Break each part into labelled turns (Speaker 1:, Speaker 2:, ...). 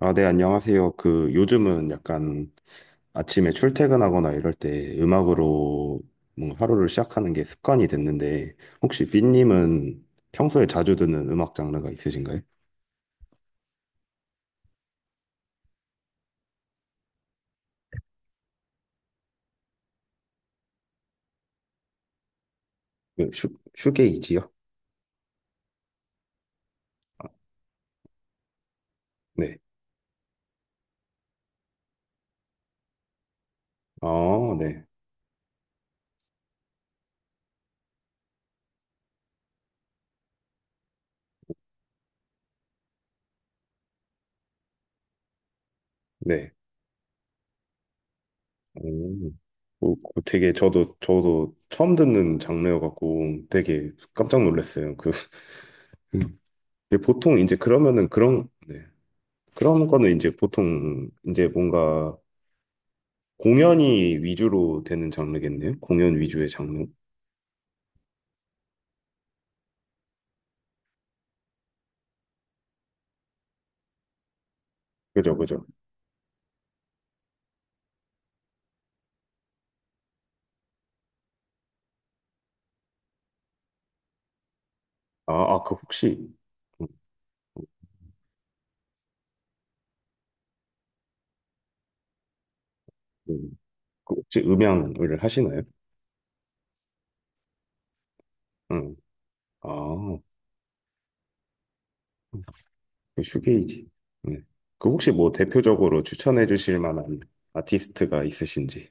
Speaker 1: 아, 네, 안녕하세요. 그, 요즘은 약간 아침에 출퇴근하거나 이럴 때 음악으로 뭔가 하루를 시작하는 게 습관이 됐는데, 혹시 삐님은 평소에 자주 듣는 음악 장르가 있으신가요? 네, 슈게이지요? 네. 아, 네. 네. 음. 그 되게 저도 처음 듣는 장르여갖고 되게 깜짝 놀랐어요. 그, 이게 보통 이제 그러면은 그런, 네. 그런 거는 이제 보통 이제 뭔가 공연이 위주로 되는 장르겠네요. 공연 위주의 장르. 그죠, 그죠. 아, 아, 음, 음, 그 혹시 음향을 하시나요? 응. 아, 그 슈게이지. 네. 그 혹시 뭐 대표적으로 추천해 주실 만한 아티스트가 있으신지.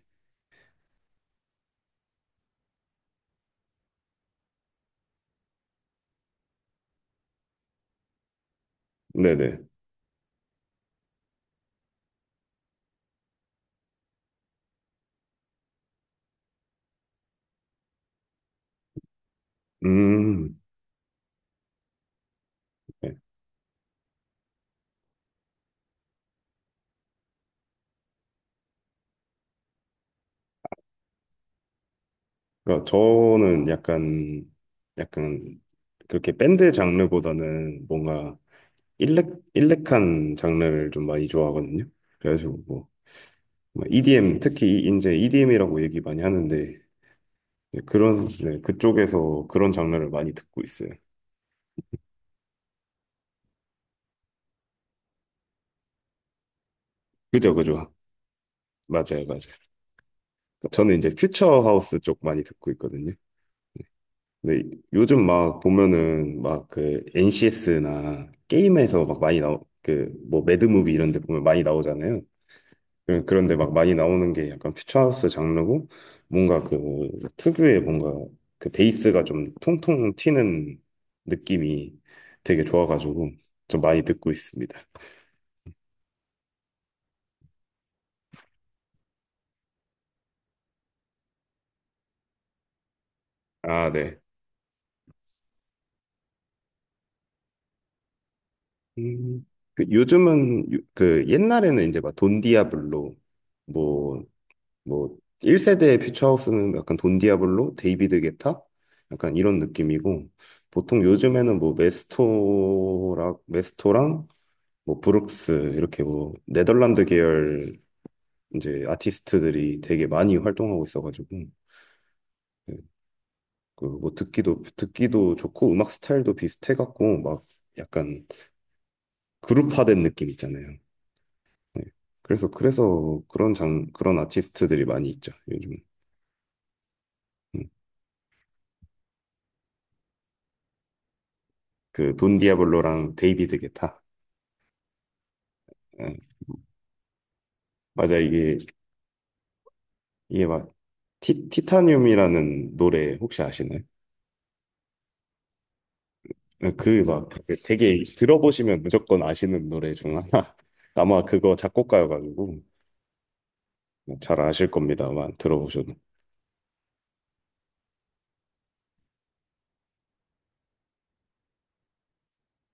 Speaker 1: 네네. 음. 네. 그러니까 저는 약간, 그렇게 밴드 장르보다는 뭔가 일렉, 일렉한 장르를 좀 많이 좋아하거든요. 그래가지고 뭐 EDM 특히 이제 EDM이라고 얘기 많이 하는데 이제 그런, 네, 그쪽에서 그런 장르를 많이 듣고 있어요. 그죠, 그죠. 맞아요, 맞아요. 저는 이제 퓨처 하우스 쪽 많이 듣고 있거든요. 근데 요즘 막 보면은 막 그 NCS나 게임에서 막 많이 나오 그뭐 매드무비 이런 데 보면 많이 나오잖아요. 그런데 막 많이 나오는 게 약간 퓨처하우스 장르고, 뭔가 그 특유의 뭔가 그 베이스가 좀 통통 튀는 느낌이 되게 좋아가지고 좀 많이 듣고 있습니다. 아, 네. 음, 그 요즘은 그 옛날에는 이제 막 돈디아블로, 뭐 뭐 1세대 퓨처하우스는 약간 돈디아블로, 데이비드 게타 약간 이런 느낌이고, 보통 요즘에는 뭐 메스토랑 뭐 브룩스, 이렇게 뭐 네덜란드 계열 이제 아티스트들이 되게 많이 활동하고 있어가지고, 그뭐 듣기도 좋고 음악 스타일도 비슷해갖고 막 약간 그룹화된 느낌 있잖아요. 네. 그래서 그런 장 그런 아티스트들이 많이 있죠 요즘. 음. 그돈 디아블로랑 데이비드 게타. 예. 맞아, 이게 막 타늄이라는 노래 혹시 아시나요? 네, 그막 되게 들어보시면 무조건 아시는 노래 중 하나. 아마 그거 작곡가여가지고 뭐 잘 아실 겁니다만 들어보셔도.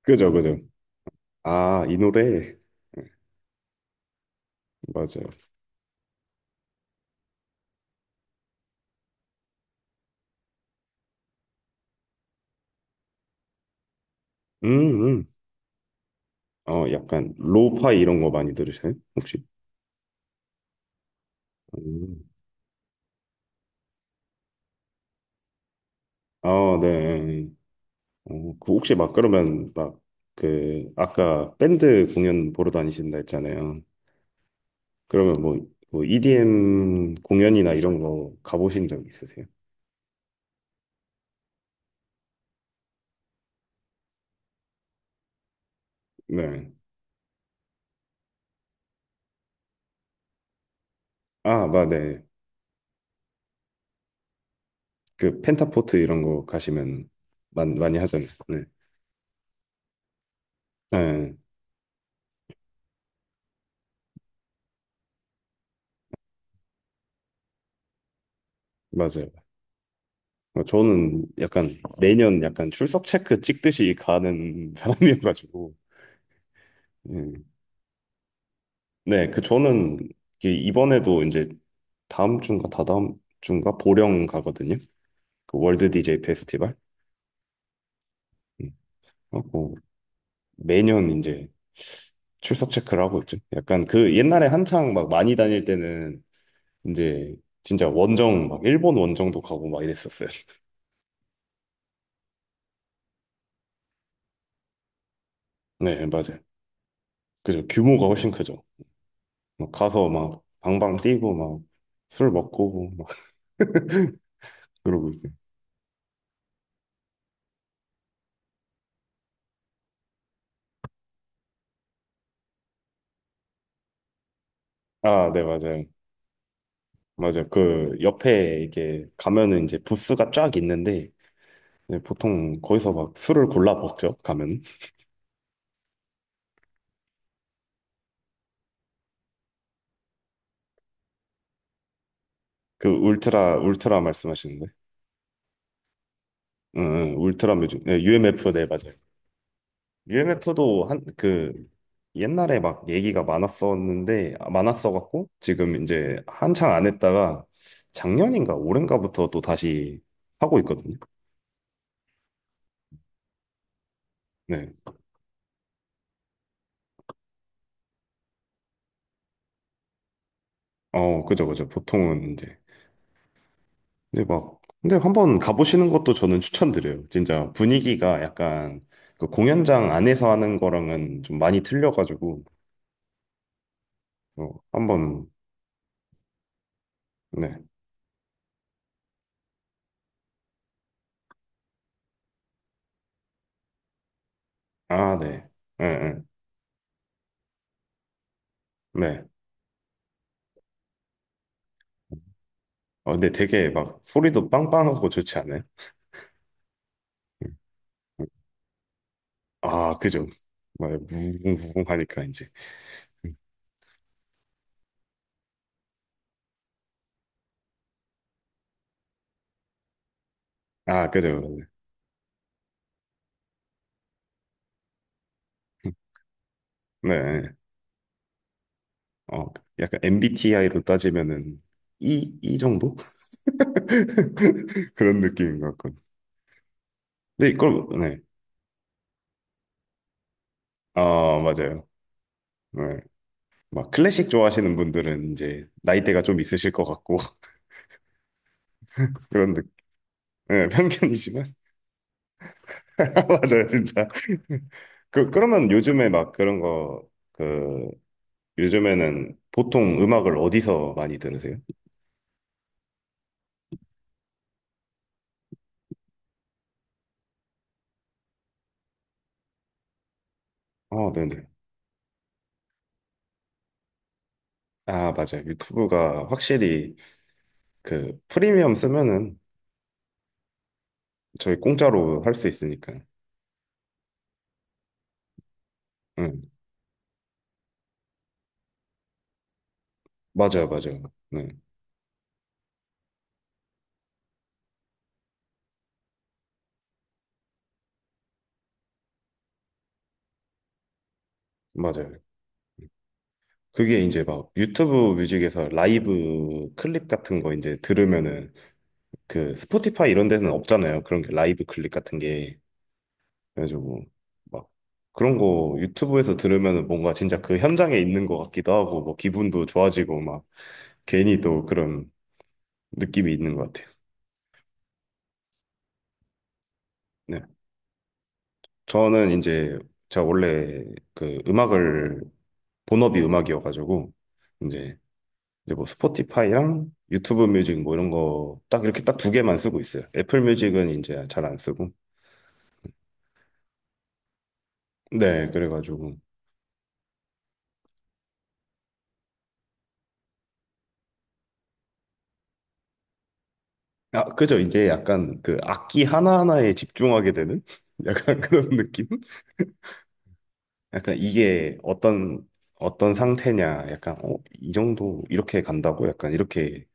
Speaker 1: 그죠, 그죠. 아, 이 노래. 네, 맞아요. 음, 음. 어, 약간 로파 이런 거 많이 들으세요? 혹시? 음. 아, 네. 어, 그 혹시 막 그러면 막 그 아까 밴드 공연 보러 다니신다 했잖아요. 그러면 뭐 EDM 공연이나 이런 거 가보신 적 있으세요? 네. 아, 맞네. 그 펜타포트 이런 거 가시면 많이 하잖아요. 네. 네, 맞아요. 어, 저는 약간 매년 약간 출석 체크 찍듯이 가는 사람이어가지고. 네, 네, 그 저는 이게 이번에도 이제 다음 주인가 다다음 주인가 보령 가거든요. 그 월드 DJ 페스티벌. 음, 하고 매년 이제 출석 체크를 하고 있죠. 약간 그 옛날에 한창 막 많이 다닐 때는 이제 진짜 원정 막 일본 원정도 가고 막 이랬었어요. 네, 맞아요. 그죠. 규모가 훨씬 크죠. 막 가서 막 방방 뛰고 막 술 먹고 막 그러고 있어요. 아, 네, 맞아요. 맞아요. 그 옆에 이게 가면은 이제 부스가 쫙 있는데 이제 보통 거기서 막 술을 골라 먹죠, 가면. 그 울트라, 울트라 말씀하시는데. 응, 응, 울트라 뮤직. 네, UMF. 네, 맞아요. UMF도 한 그 옛날에 막 얘기가 많았었는데, 아, 많았어갖고 지금 이제 한창 안 했다가 작년인가 올해인가부터 또 다시 하고 있거든요. 네. 어, 그죠, 그죠. 보통은 이제. 근데 한번 가보시는 것도 저는 추천드려요. 진짜 분위기가 약간 그 공연장 안에서 하는 거랑은 좀 많이 틀려가지고, 어, 한번, 네. 아, 네. 네, 네. 네. 어, 근데 되게 막 소리도 빵빵하고 좋지 않아요? 음, 음. 아, 그죠. 막 무궁무궁 하니까 이제. 음. 아, 그죠. 그죠. 네. 예. 어, 약간 MBTI로 따지면은 E, E 정도? 그런 느낌인 것 같고. 네, 이걸, 네. 아, 맞아요. 네. 막 클래식 좋아하시는 분들은 이제 나이대가 좀 있으실 것 같고, 그런 느 네, 편견이지만. 맞아요, 진짜. 그러면 요즘에 요즘에는 보통 음악을 어디서 많이 들으세요? 어, 네네. 아, 맞아요. 유튜브가 확실히 그 프리미엄 쓰면은 저희 공짜로 할 수 있으니까. 응. 맞아요, 맞아요. 네, 맞아요. 그게 이제 막 유튜브 뮤직에서 라이브 클립 같은 거 이제 들으면은 그 스포티파이 이런 데는 없잖아요, 그런 게 라이브 클립 같은 게. 그래가지고 뭐 막 그런 거 유튜브에서 들으면은 뭔가 진짜 그 현장에 있는 것 같기도 하고 뭐 기분도 좋아지고 막 괜히 또 그런 느낌이 있는 것 같아요. 네. 저는 이제 제가 원래 그 음악을, 본업이 음악이어가지고 이제 뭐 스포티파이랑 유튜브 뮤직 뭐 이런 거 딱 이렇게 딱 두 개만 쓰고 있어요. 애플 뮤직은 이제 잘 안 쓰고. 네, 그래가지고. 아, 그죠. 이제 약간 그 악기 하나하나에 집중하게 되는 약간 그런 느낌? 약간 이게 어떤 상태냐. 약간, 어, 이 정도 이렇게 간다고? 약간 이렇게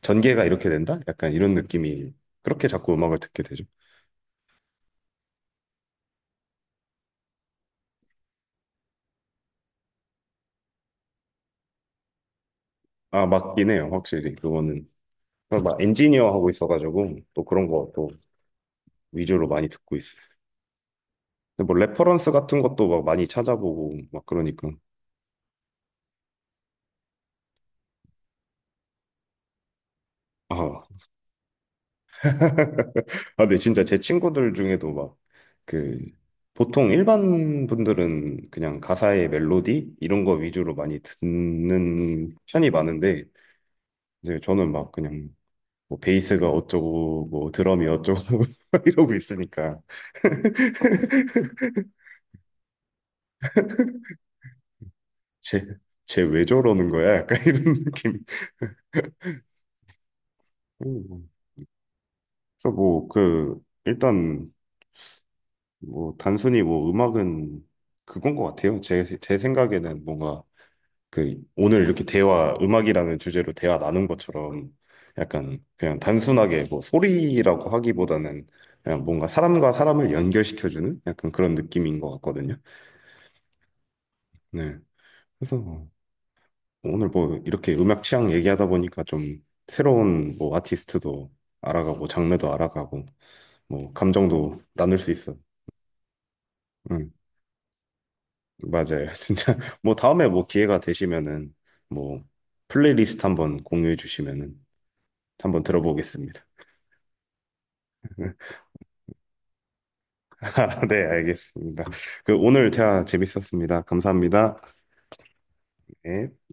Speaker 1: 전개가 이렇게 된다? 약간 이런 느낌이 그렇게 자꾸 음악을 듣게 되죠. 아, 맞긴 해요. 확실히. 그거는. 막 엔지니어 하고 있어가지고 또 그런 거 또 위주로 많이 듣고 있어요. 근데 뭐 레퍼런스 같은 것도 막 많이 찾아보고 막 그러니까. 아, 아, 근데 진짜 제 친구들 중에도 막 그 보통 일반 분들은 그냥 가사의 멜로디 이런 거 위주로 많이 듣는 편이 많은데 이제 저는 막 그냥 뭐 베이스가 어쩌고 뭐 드럼이 어쩌고 이러고 있으니까 쟤쟤 왜 저러는 거야? 약간 이런 느낌. 음, 그래서 뭐 그 일단 뭐 단순히 뭐 음악은 그건 것 같아요. 제 생각에는 뭔가 그 오늘 이렇게 대화, 음악이라는 주제로 대화 나눈 것처럼 약간 그냥 단순하게 뭐 소리라고 하기보다는 그냥 뭔가 사람과 사람을 연결시켜주는 약간 그런 느낌인 것 같거든요. 네. 그래서 뭐 오늘 뭐 이렇게 음악 취향 얘기하다 보니까 좀 새로운 뭐 아티스트도 알아가고 장르도 알아가고 뭐 감정도 나눌 수 있어. 응. 맞아요. 진짜 뭐 다음에 뭐 기회가 되시면은 뭐 플레이리스트 한번 공유해 주시면은 한번 들어보겠습니다. 네, 알겠습니다. 그 오늘 대화 재밌었습니다. 감사합니다. 네.